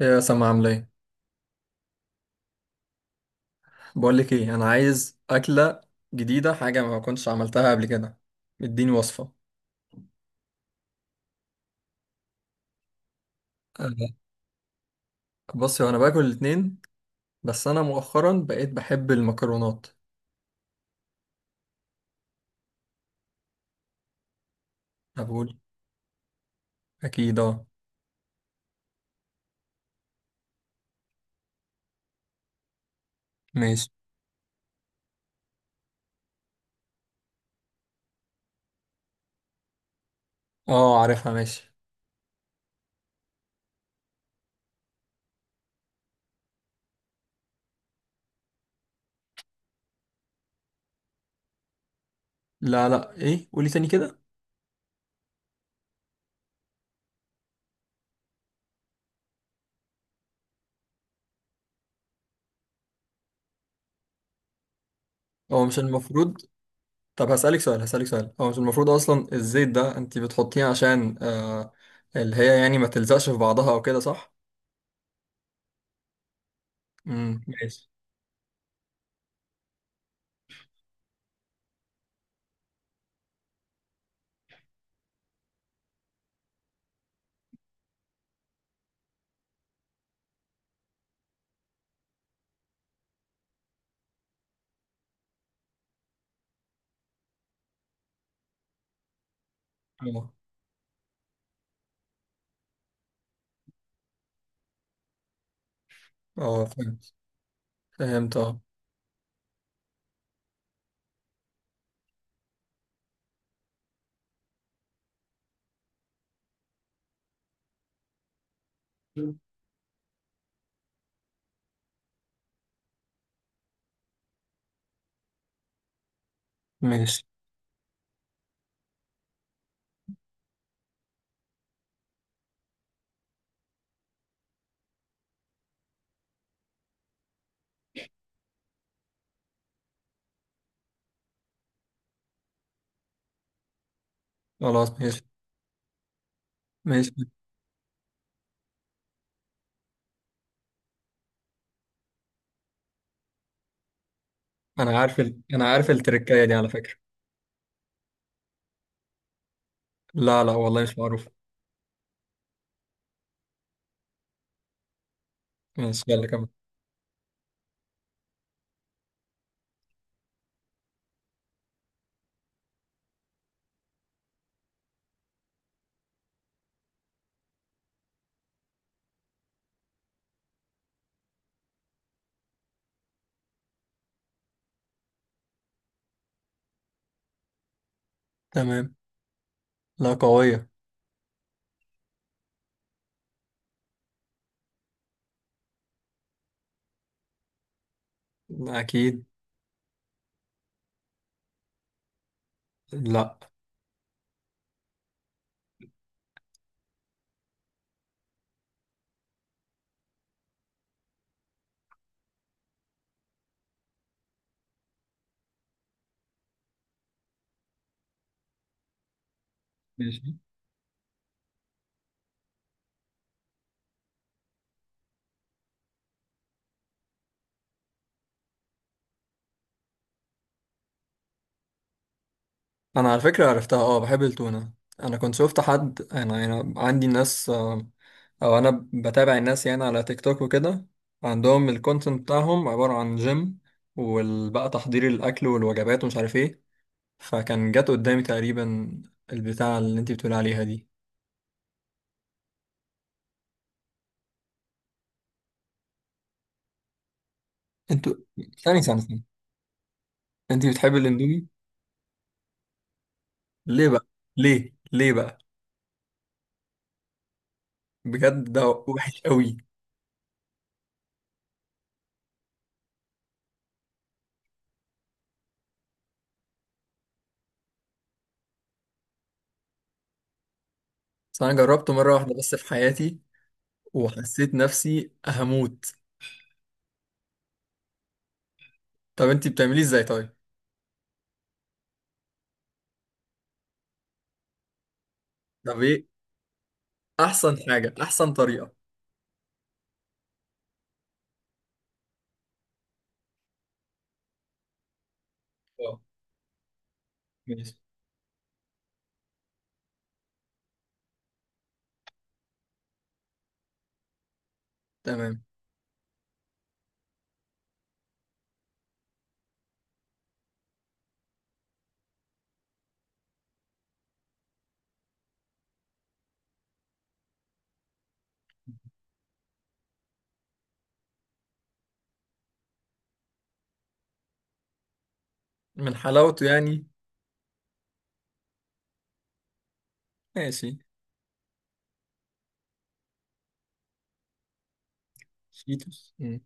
ايه يا سما، عامله ايه؟ بقول لك ايه، انا عايز اكله جديده، حاجه ما كنتش عملتها قبل كده. اديني وصفه. أه. بصي، وانا باكل الاتنين، بس انا مؤخرا بقيت بحب المكرونات. بقول، اكيد اه. ماشي. اه، عارفها. ماشي. لا لا، ايه؟ قولي تاني كده. هو مش المفروض. طب هسألك سؤال، هسألك سؤال، هو مش المفروض اصلا الزيت ده انت بتحطيه عشان اللي هي يعني ما تلزقش في بعضها او كده، صح؟ ماشي. اه اه، فهمت. فهمت اه. ماشي. خلاص ماشي. ماشي. انا عارف التركايه دي على فكره. لا لا، والله مش معروف. ماشي، يلا كمل. تمام. لا، قويه. لا اكيد. لا. ماشي. انا على فكره عرفتها. اه، بحب التونه. انا كنت شفت حد، انا عندي ناس او انا بتابع الناس يعني على تيك توك وكده. عندهم الكونتنت بتاعهم عباره عن جيم، وبقى تحضير الاكل والوجبات ومش عارف ايه. فكان جت قدامي تقريبا البتاع اللي انت بتقول عليها دي. انتوا ثانية ثانية. انت بتحب الاندومي؟ ليه بقى؟ ليه بقى؟ بجد ده وحش قوي. بس انا جربته مره واحده بس في حياتي، وحسيت نفسي هموت. طب انت بتعمليه ازاي طيب؟ طب ايه احسن حاجه، احسن طريقه؟ اه. ماشي. تمام. من حلاوته يعني. ماشي. شيتوس. مم.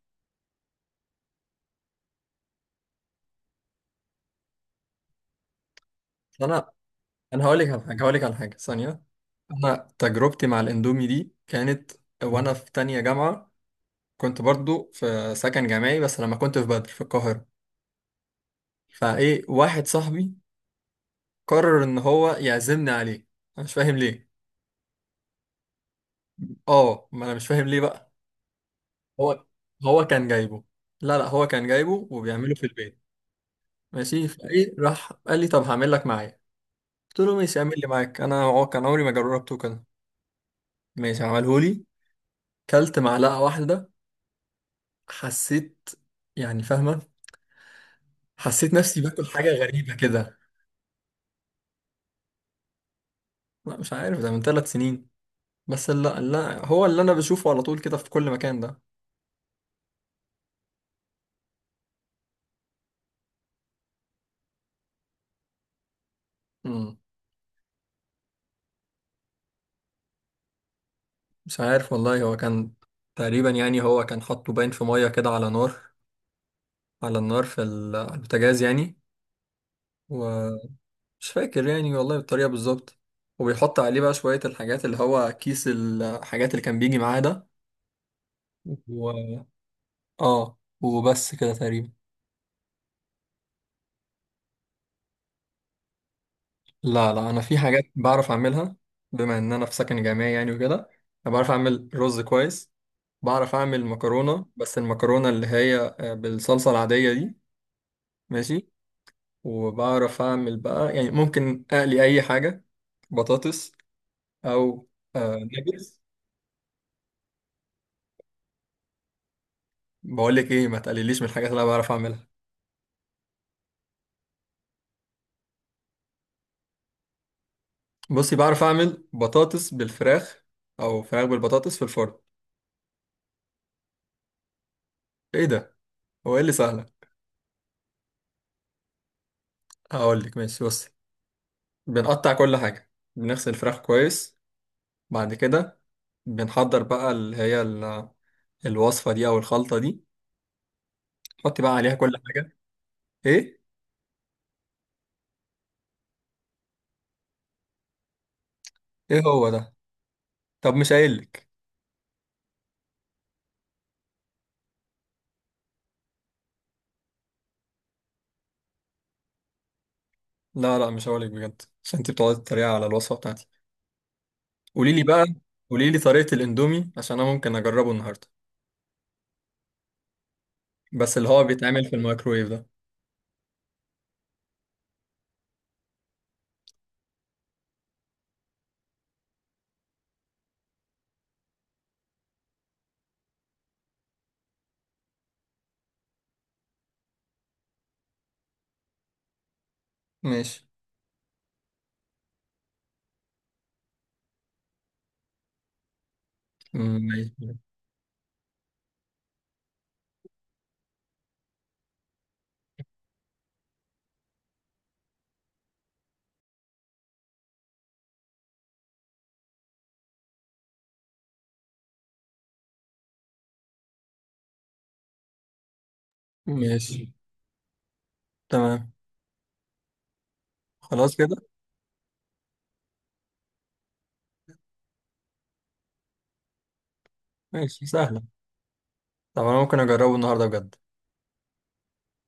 انا انا هقول لك على حاجه، هقول لك على حاجه ثانيه. انا تجربتي مع الاندومي دي كانت وانا في تانية جامعه. كنت برضو في سكن جامعي، بس لما كنت في بدر في القاهره. فايه واحد صاحبي قرر ان هو يعزمني عليه. انا مش فاهم ليه. اه، ما انا مش فاهم ليه بقى. هو هو كان جايبه. لا لا، هو كان جايبه وبيعمله في البيت. ماشي، فايه راح قال لي طب هعمل لك معايا. قلت له ماشي، اعمل لي معاك، انا كان عمري ما جربته كده. ماشي، عمله لي، كلت معلقه واحده، حسيت، يعني فاهمه، حسيت نفسي باكل حاجه غريبه كده. لا مش عارف، ده من 3 سنين. بس لا لا، هو اللي انا بشوفه على طول كده في كل مكان ده. مش عارف والله، هو كان تقريبا يعني، هو كان حاطه باين في ميه كده على نار، على النار على البوتاجاز يعني. ومش فاكر يعني والله الطريقه بالظبط. وبيحط عليه بقى شويه الحاجات، اللي هو كيس الحاجات اللي كان بيجي معاه ده. و... اه، وبس كده تقريبا. لا لا، انا في حاجات بعرف اعملها. بما ان انا في سكن جامعي يعني وكده، انا بعرف اعمل رز كويس. بعرف اعمل مكرونه، بس المكرونه اللي هي بالصلصه العاديه دي. ماشي. وبعرف اعمل بقى يعني ممكن اقلي اي حاجه، بطاطس او نجرس. بقول لك ايه، ما تقلليش من الحاجات اللي انا بعرف اعملها. بصي بعرف اعمل بطاطس بالفراخ، او فراخ بالبطاطس في الفرن. ايه ده؟ هو ايه اللي سهله؟ هقول لك. ماشي بصي، بنقطع كل حاجه، بنغسل الفراخ كويس. بعد كده بنحضر بقى اللي هي الوصفه دي او الخلطه دي. حطي بقى عليها كل حاجه. ايه؟ ايه هو ده؟ طب مش قايل لك. لا لا، مش هقولك بجد عشان انت بتقعدي تتريقي على الوصفه بتاعتي. قولي لي بقى، قولي لي طريقه الاندومي عشان انا ممكن اجربه النهارده. بس اللي هو بيتعمل في الميكرويف ده. ماشي. ماشي. ماشي. تمام. خلاص كده. ماشي سهله. طب انا ممكن اجربه النهارده بجد.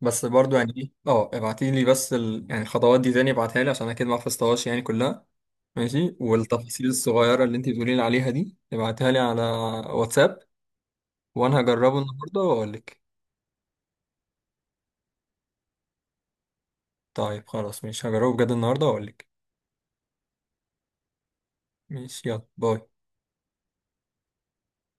بس برضو يعني ايه، اه ابعتي لي بس يعني الخطوات دي تاني ابعتها لي عشان اكيد ما حفظتهاش يعني كلها. ماشي، والتفاصيل الصغيره اللي انت بتقولي لي عليها دي ابعتها لي على واتساب. وانا هجربه النهارده واقول لك. طيب خلاص، مش هجربه بجد النهارده واقول لك. ماشي. يلا باي.